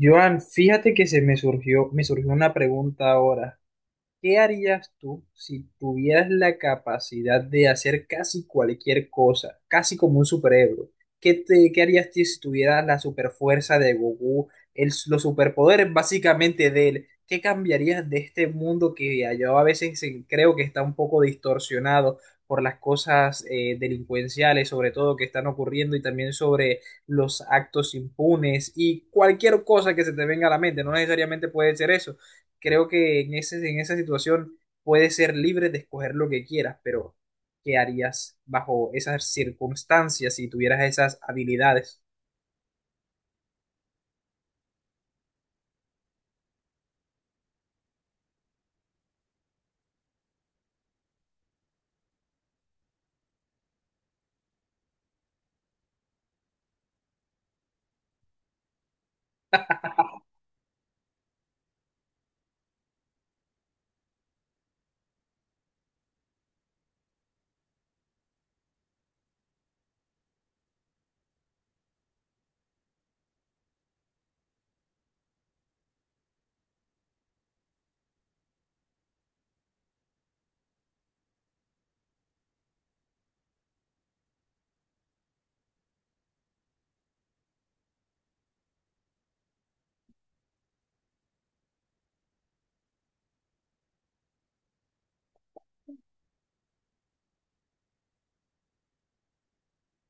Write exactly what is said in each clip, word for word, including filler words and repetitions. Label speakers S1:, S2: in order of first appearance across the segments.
S1: Joan, fíjate que se me surgió, me surgió una pregunta ahora. ¿Qué harías tú si tuvieras la capacidad de hacer casi cualquier cosa, casi como un superhéroe? ¿Qué, te, qué harías tú si tuvieras la superfuerza de Goku, el- los superpoderes básicamente de él? ¿Qué cambiarías de este mundo que yo a veces se- creo que está un poco distorsionado por las cosas eh, delincuenciales, sobre todo que están ocurriendo y también sobre los actos impunes y cualquier cosa que se te venga a la mente? No necesariamente puede ser eso, creo que en ese, en esa situación puedes ser libre de escoger lo que quieras, pero ¿qué harías bajo esas circunstancias si tuvieras esas habilidades?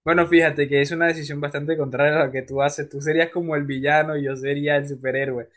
S1: Bueno, fíjate que es una decisión bastante contraria a lo que tú haces. Tú serías como el villano y yo sería el superhéroe.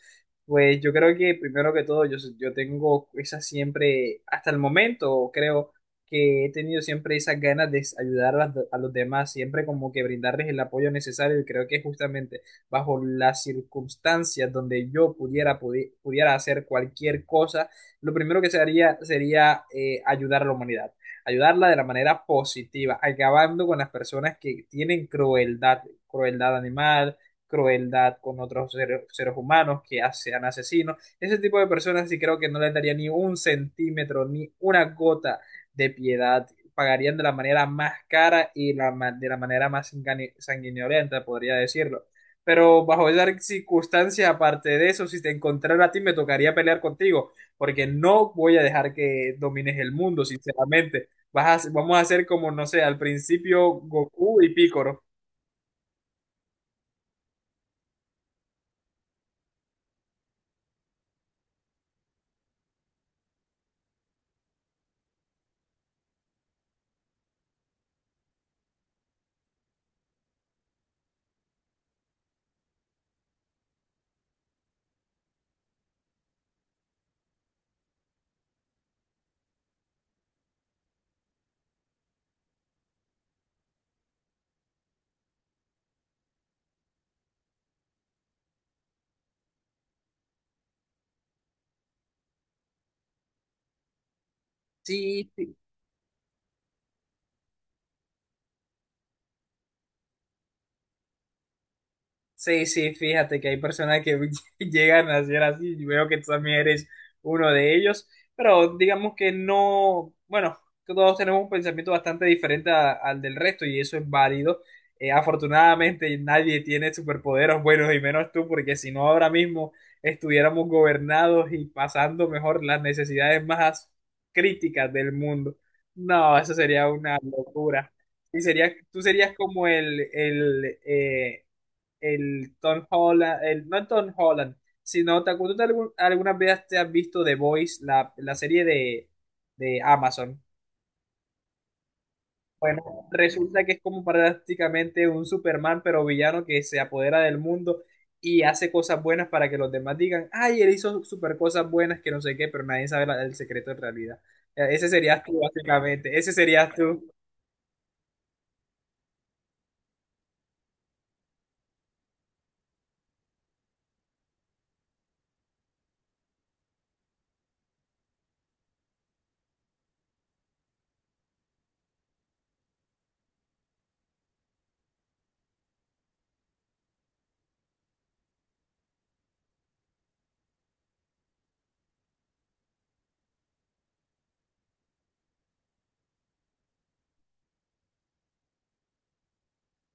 S1: Pues yo creo que primero que todo yo, yo tengo esa siempre, hasta el momento creo que he tenido siempre esas ganas de ayudar a, a los demás, siempre como que brindarles el apoyo necesario y creo que justamente bajo las circunstancias donde yo pudiera, pudi- pudiera hacer cualquier cosa, lo primero que se haría sería, eh, ayudar a la humanidad, ayudarla de la manera positiva, acabando con las personas que tienen crueldad, crueldad animal, crueldad con otros ser- seres humanos, que ha- sean asesinos. Ese tipo de personas sí creo que no les daría ni un centímetro, ni una gota de piedad. Pagarían de la manera más cara y la ma- de la manera más sangani- sanguinolenta, podría decirlo. Pero bajo esas circunstancias aparte de eso, si te encontrara a ti, me tocaría pelear contigo, porque no voy a dejar que domines el mundo, sinceramente. Vas a- vamos a hacer como, no sé, al principio Goku y Piccolo. Sí, sí, sí, fíjate que hay personas que llegan a ser así, y veo que tú también eres uno de ellos, pero digamos que no, bueno, todos tenemos un pensamiento bastante diferente a- al del resto y eso es válido. Eh, afortunadamente nadie tiene superpoderes buenos y menos tú, porque si no ahora mismo estuviéramos gobernados y pasando mejor las necesidades más críticas del mundo. No, eso sería una locura. Y sería, tú serías como el, el, eh, el Tom Holland, el, no Tom Holland, sino ¿te acuerdas de algún- algunas veces te has visto The Voice, la, la serie de, de Amazon? Bueno, resulta que es como prácticamente un Superman, pero villano que se apodera del mundo y hace cosas buenas para que los demás digan, ay, él hizo super cosas buenas que no sé qué, pero nadie sabe la- el secreto en realidad. Eh, Ese serías tú, básicamente. Ese serías tú.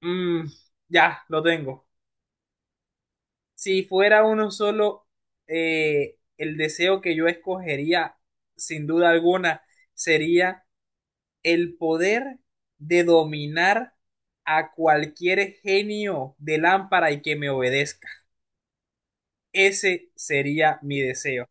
S1: Mm, ya, lo tengo. Si fuera uno solo, eh, el deseo que yo escogería, sin duda alguna, sería el poder de dominar a cualquier genio de lámpara y que me obedezca. Ese sería mi deseo.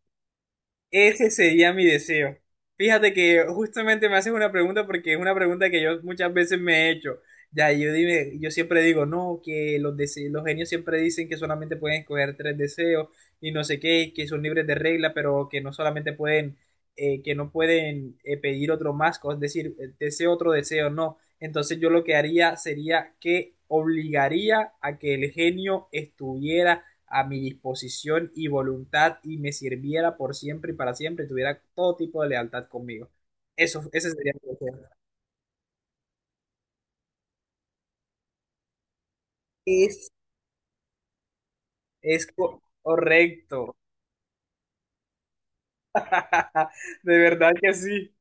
S1: Ese sería mi deseo. Fíjate que justamente me haces una pregunta porque es una pregunta que yo muchas veces me he hecho. Ya, yo dime, yo siempre digo, no, que los, dese- los genios siempre dicen que solamente pueden escoger tres deseos y no sé qué, que son libres de regla, pero que no solamente pueden, eh, que no pueden, eh, pedir otro más, co- es decir, eh, deseo otro deseo, no. Entonces yo lo que haría sería que obligaría a que el genio estuviera a mi disposición y voluntad y me sirviera por siempre y para siempre y tuviera todo tipo de lealtad conmigo. Eso, ese sería mi deseo. Es, Es co- correcto. De verdad que sí.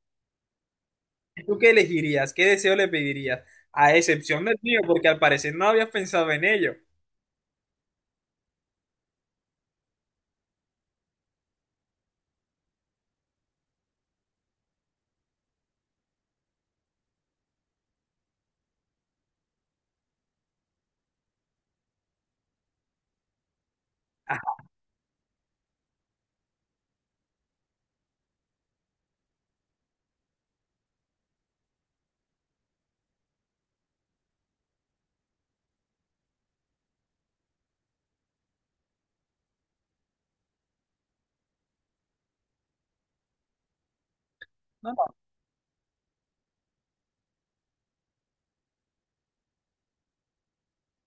S1: ¿Tú qué elegirías? ¿Qué deseo le pedirías? A excepción del mío, porque al parecer no habías pensado en ello.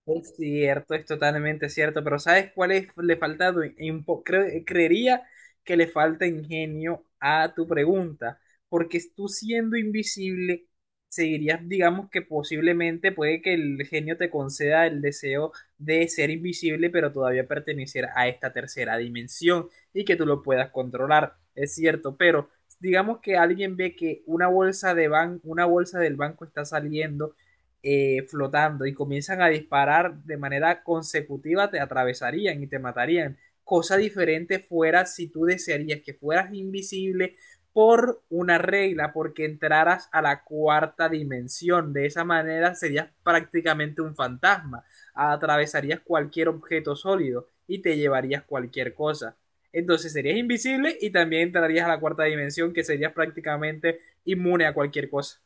S1: Es cierto, es totalmente cierto, pero ¿sabes cuál es? Le falta, du- un po- cre- creería que le falta ingenio a tu pregunta, porque tú siendo invisible, seguirías, digamos que posiblemente puede que el genio te conceda el deseo de ser invisible, pero todavía pertenecer a esta tercera dimensión y que tú lo puedas controlar, es cierto, pero digamos que alguien ve que una bolsa de ban- una bolsa del banco está saliendo, eh, flotando y comienzan a disparar de manera consecutiva, te atravesarían y te matarían. Cosa diferente fuera si tú desearías que fueras invisible por una regla, porque entraras a la cuarta dimensión. De esa manera serías prácticamente un fantasma. Atravesarías cualquier objeto sólido y te llevarías cualquier cosa. Entonces serías invisible y también entrarías a la cuarta dimensión, que serías prácticamente inmune a cualquier cosa.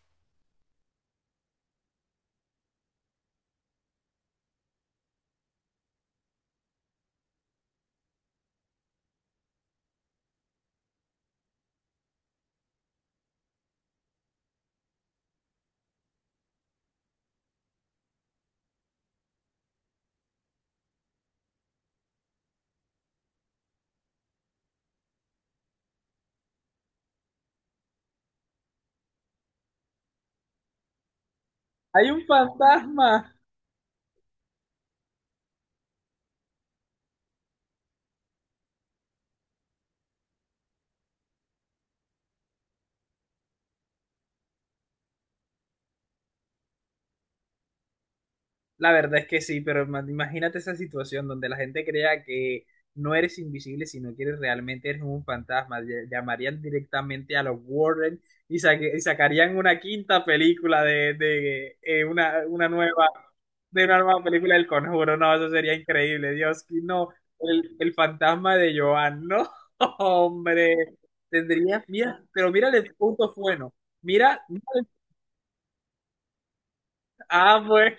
S1: Hay un fantasma. La verdad es que sí, pero ma- imagínate esa situación donde la gente crea que no eres invisible, sino que eres realmente eres un fantasma. Ll- Llamarían directamente a los Warren y, saque- y sacarían una quinta película de, de eh, una, una nueva, de una nueva película del Conjuro. No, eso sería increíble. Dios, que no. El, el fantasma de Joan, no, hombre. Tendrías, mira, pero mira el punto bueno. Mira, mira, el- ah, bueno.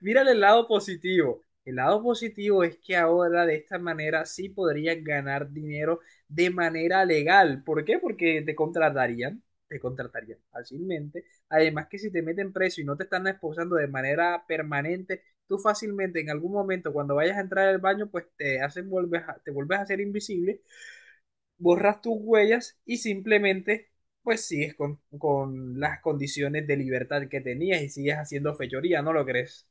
S1: Mírale el lado positivo. El lado positivo es que ahora de esta manera sí podrías ganar dinero de manera legal. ¿Por qué? Porque te contratarían, te contratarían fácilmente. Además que si te meten preso y no te están esposando de manera permanente, tú fácilmente en algún momento cuando vayas a entrar al baño, pues te hacen volver, a- te vuelves a hacer invisible, borras tus huellas y simplemente pues sigues con, con las condiciones de libertad que tenías y sigues haciendo fechoría, ¿no lo crees?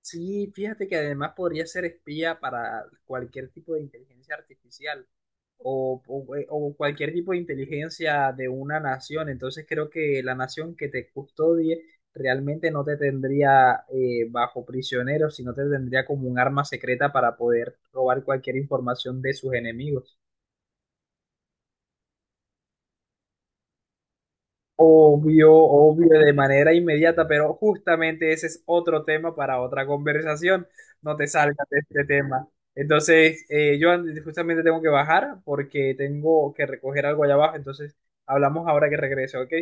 S1: Sí, fíjate que además podría ser espía para cualquier tipo de inteligencia artificial o, o- o cualquier tipo de inteligencia de una nación. Entonces creo que la nación que te custodie realmente no te tendría, eh, bajo prisionero, sino te tendría como un arma secreta para poder robar cualquier información de sus enemigos. Obvio, obvio, de manera inmediata, pero justamente ese es otro tema para otra conversación. No te salgas de este tema. Entonces, eh, yo an- justamente tengo que bajar porque tengo que recoger algo allá abajo. Entonces, hablamos ahora que regrese, ¿ok?